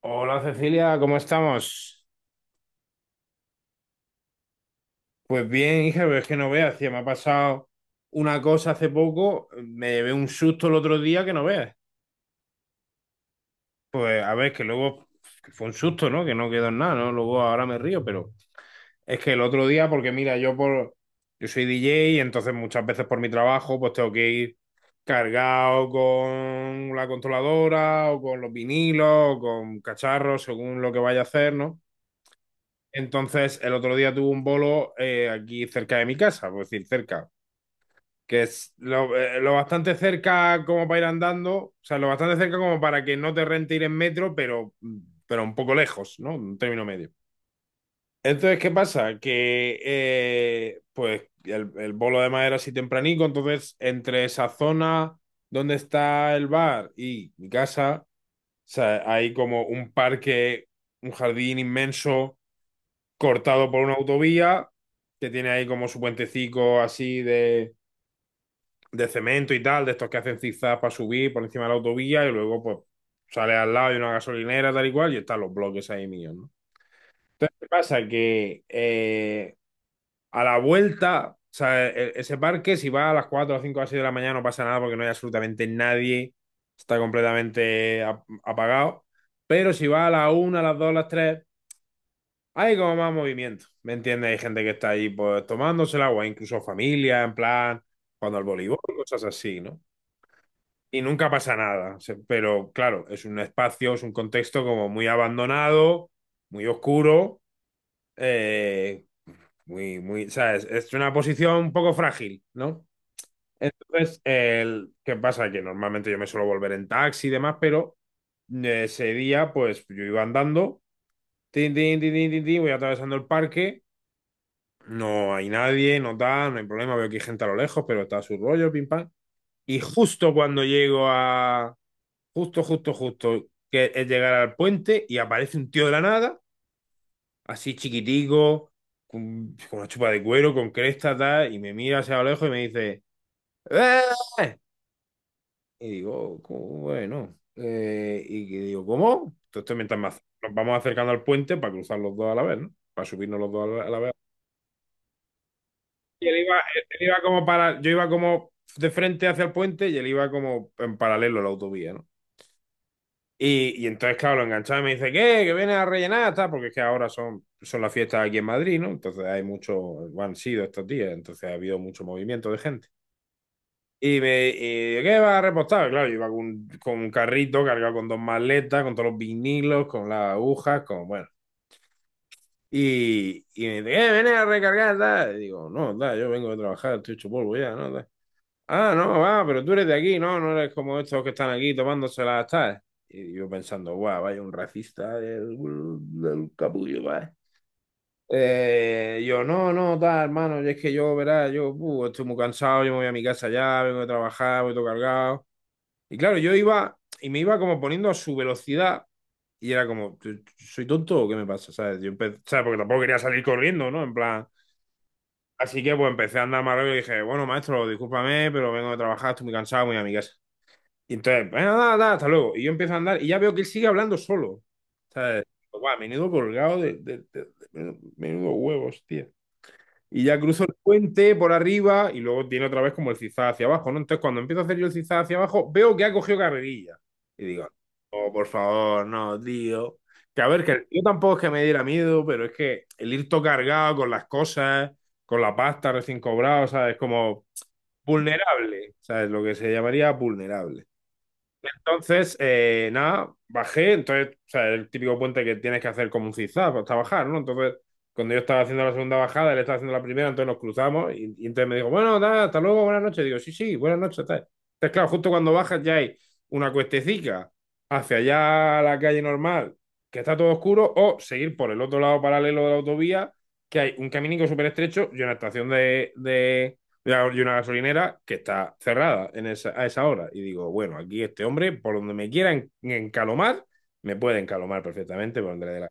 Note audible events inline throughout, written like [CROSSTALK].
Hola Cecilia, ¿cómo estamos? Pues bien, hija, pero es que no veas, tía, me ha pasado una cosa hace poco, me llevé un susto el otro día que no veas. Pues a ver, que luego que fue un susto, ¿no? Que no quedó en nada, ¿no? Luego ahora me río, pero es que el otro día, porque mira, yo soy DJ y entonces muchas veces por mi trabajo, pues tengo que ir cargado con la controladora o con los vinilos o con cacharros, según lo que vaya a hacer, ¿no? Entonces, el otro día tuve un bolo aquí cerca de mi casa, por decir, cerca, que es lo bastante cerca como para ir andando, o sea, lo bastante cerca como para que no te rente ir en metro, pero un poco lejos, ¿no? Un término medio. Entonces, ¿qué pasa? Que pues el bolo además era así tempranico, entonces entre esa zona donde está el bar y mi casa, o sea, hay como un parque, un jardín inmenso cortado por una autovía que tiene ahí como su puentecico así de cemento y tal, de estos que hacen zigzag para subir por encima de la autovía y luego pues sale al lado y una gasolinera tal y cual y están los bloques ahí míos, ¿no? Entonces, ¿qué pasa? Que a la vuelta, o sea, ese parque si va a las 4 a las 5 a las 6 de la mañana no pasa nada porque no hay absolutamente nadie, está completamente apagado, pero si va a las 1 a las 2 a las 3, hay como más movimiento, ¿me entiendes? Hay gente que está ahí pues tomándose el agua, incluso familia, en plan, cuando al voleibol, cosas así, ¿no? Y nunca pasa nada, pero claro, es un espacio, es un contexto como muy abandonado, muy oscuro, eh, muy, muy, ¿sabes? Es una posición un poco frágil, ¿no? Entonces, ¿qué pasa? Que normalmente yo me suelo volver en taxi y demás, pero ese día, pues yo iba andando, tin, tin, tin, tin, tin, tin, voy atravesando el parque. No hay nadie, no tal, no hay problema, veo que hay gente a lo lejos, pero está a su rollo, pim pam. Y justo cuando llego a... Justo, justo, justo, que es llegar al puente y aparece un tío de la nada, así chiquitico, con, una chupa de cuero, con cresta, tal, y me mira hacia a lo lejos y me dice, ¡eh! Y digo, ¿cómo? Bueno, y que digo, ¿cómo? Entonces mientras nos vamos acercando al puente para cruzar los dos a la vez, ¿no? Para subirnos los dos a la vez. Y él iba como para, yo iba como de frente hacia el puente y él iba como en paralelo a la autovía, ¿no? Y entonces, claro, lo enganchaba y me dice, ¿qué? Que viene a rellenar, tal, porque es que ahora son, las fiestas aquí en Madrid, ¿no? Entonces hay mucho, bueno, han sido estos días, entonces ha habido mucho movimiento de gente. Y me, y, ¿qué va a repostar? Claro, yo iba con un carrito cargado con dos maletas, con todos los vinilos, con las agujas, con, bueno. Y me dice, ¿qué? Viene a recargar, tal. Y digo, no, tal, yo vengo de trabajar, estoy hecho polvo ya, ¿no? Tal. Ah, no, va, pero tú eres de aquí, ¿no? No eres como estos que están aquí tomándoselas, ¿sabes? Y yo pensando, guau, vaya un racista del capullo, ¿vale? Yo, no, no, tal, hermano, y es que yo, verás, yo estoy muy cansado, yo me voy a mi casa ya, vengo de trabajar, voy todo cargado. Y claro, yo iba y me iba como poniendo a su velocidad y era como, ¿soy tonto o qué me pasa? ¿Sabes? ¿Sabes? Porque tampoco quería salir corriendo, ¿no? En plan, así que pues empecé a andar más rápido y dije, bueno, maestro, discúlpame, pero vengo de trabajar, estoy muy cansado, me voy a mi casa. Y entonces, bueno, nada, nada, hasta luego. Y yo empiezo a andar y ya veo que él sigue hablando solo. ¿Sabes? Guau, menudo colgado menudo huevos, tío. Y ya cruzo el puente por arriba y luego tiene otra vez como el zigzag hacia abajo, ¿no? Entonces, cuando empiezo a hacer yo el zigzag hacia abajo, veo que ha cogido carrerilla. Y digo, oh, por favor, no, tío. Que a ver, que yo tampoco es que me diera miedo, pero es que el ir todo cargado con las cosas, con la pasta recién cobrada, ¿sabes? Como vulnerable, ¿sabes? Lo que se llamaría vulnerable. Entonces, nada, bajé, entonces, o sea, el típico puente que tienes que hacer como un zigzag hasta bajar, ¿no? Entonces, cuando yo estaba haciendo la segunda bajada, él estaba haciendo la primera, entonces nos cruzamos y entonces me dijo, bueno, nada, hasta luego, buenas noches. Digo, sí, sí, buenas noches, tal. Entonces, claro, justo cuando bajas ya hay una cuestecica hacia allá a la calle normal, que está todo oscuro, o seguir por el otro lado paralelo de la autovía, que hay un caminico súper estrecho y una estación y una gasolinera que está cerrada a esa hora. Y digo, bueno, aquí este hombre, por donde me quiera encalomar, me puede encalomar perfectamente por donde le dé la.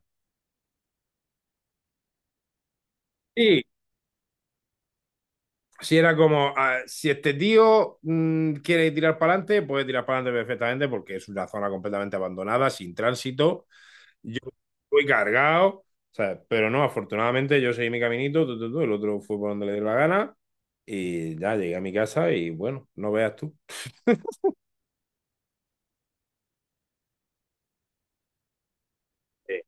Y si era como, ah, si este tío quiere tirar para adelante, puede tirar para adelante perfectamente porque es una zona completamente abandonada, sin tránsito. Yo fui cargado, ¿sabes? Pero no, afortunadamente yo seguí mi caminito, tu, el otro fue por donde le dio la gana y ya llegué a mi casa y bueno, no veas tú. Sí.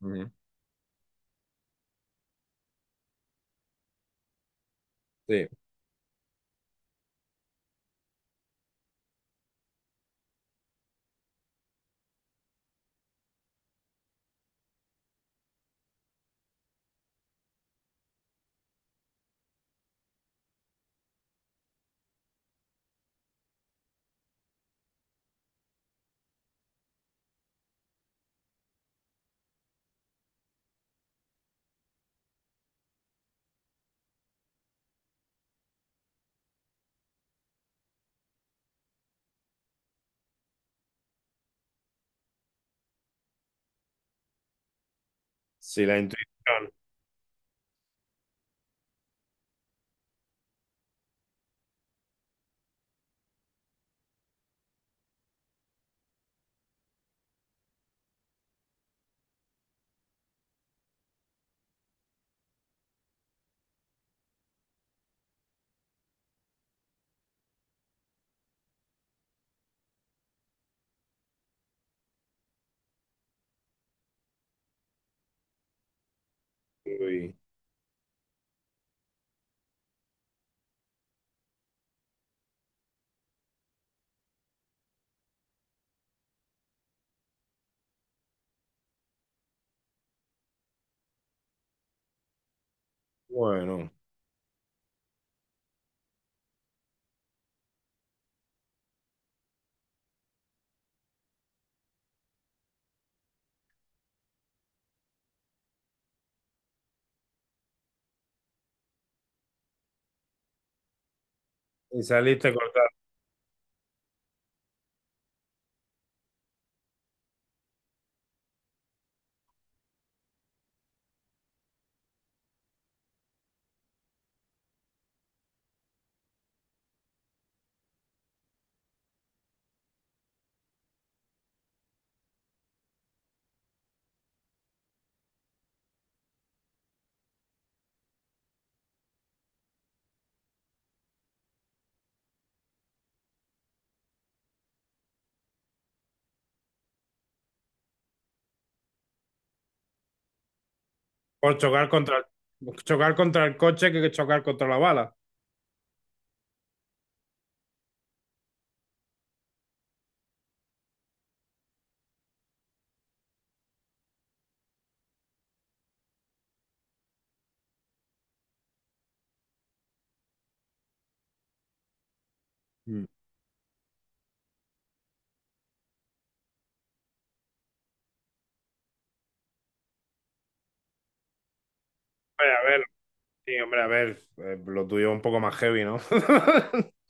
Ujú. Sí, sí, la intuición. Uy, bueno, y saliste cortado. Por chocar contra el coche que chocar contra la bala. Mm. Hombre, a ver, sí, hombre, a ver, lo tuyo es un poco más heavy, ¿no? [LAUGHS]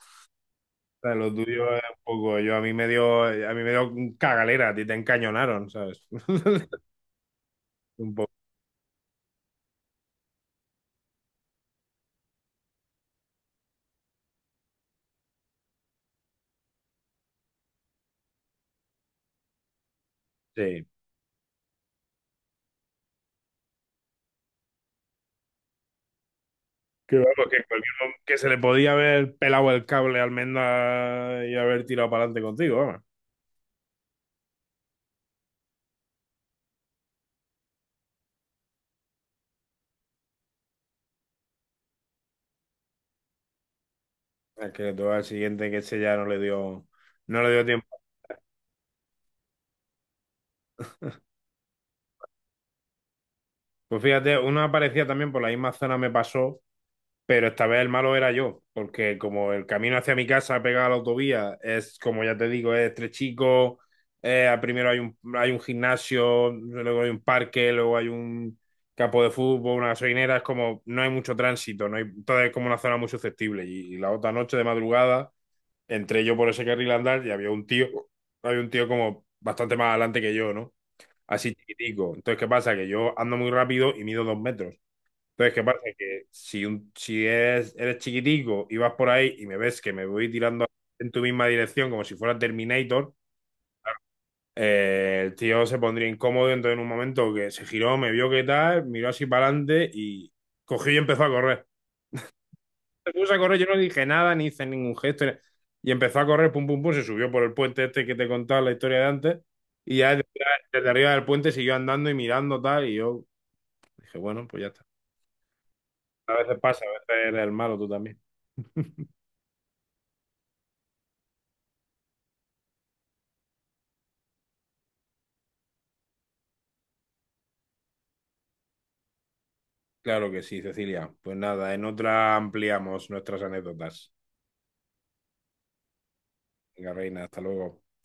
O sea, lo tuyo es un poco, yo a mí me dio, a mí me dio cagalera, a ti te encañonaron, ¿sabes? [LAUGHS] Un poco, sí. Que vamos, que en cualquier que se le podía haber pelado el cable a Almendra y haber tirado para adelante contigo, vamos. Es que tú al siguiente que ese ya no le dio tiempo. Pues fíjate, una parecida también por la misma zona me pasó, pero esta vez el malo era yo, porque como el camino hacia mi casa pegado a la autovía es, como ya te digo, es estrechico, primero hay un, gimnasio, luego hay un parque, luego hay un campo de fútbol, una gasolinera, es como no hay mucho tránsito, no hay, entonces es como una zona muy susceptible. Y la otra noche de madrugada entré yo por ese carril a andar y había un tío como bastante más adelante que yo, ¿no? Así chiquitico. Entonces, ¿qué pasa? Que yo ando muy rápido y mido 2 metros. Entonces, ¿qué pasa? Que si, un, si eres chiquitico y vas por ahí y me ves que me voy tirando en tu misma dirección como si fuera Terminator, el tío se pondría incómodo. Entonces, en un momento que se giró, me vio que tal, miró así para adelante y cogió y empezó a correr. Se puso a correr, yo no dije nada, ni hice ningún gesto, y empezó a correr, pum, pum, pum, se subió por el puente este que te contaba la historia de antes. Y ya desde arriba del puente siguió andando y mirando tal. Y yo dije, bueno, pues ya está. A veces pasa, a veces eres el malo tú también. Claro que sí, Cecilia. Pues nada, en otra ampliamos nuestras anécdotas. Venga, reina, hasta luego.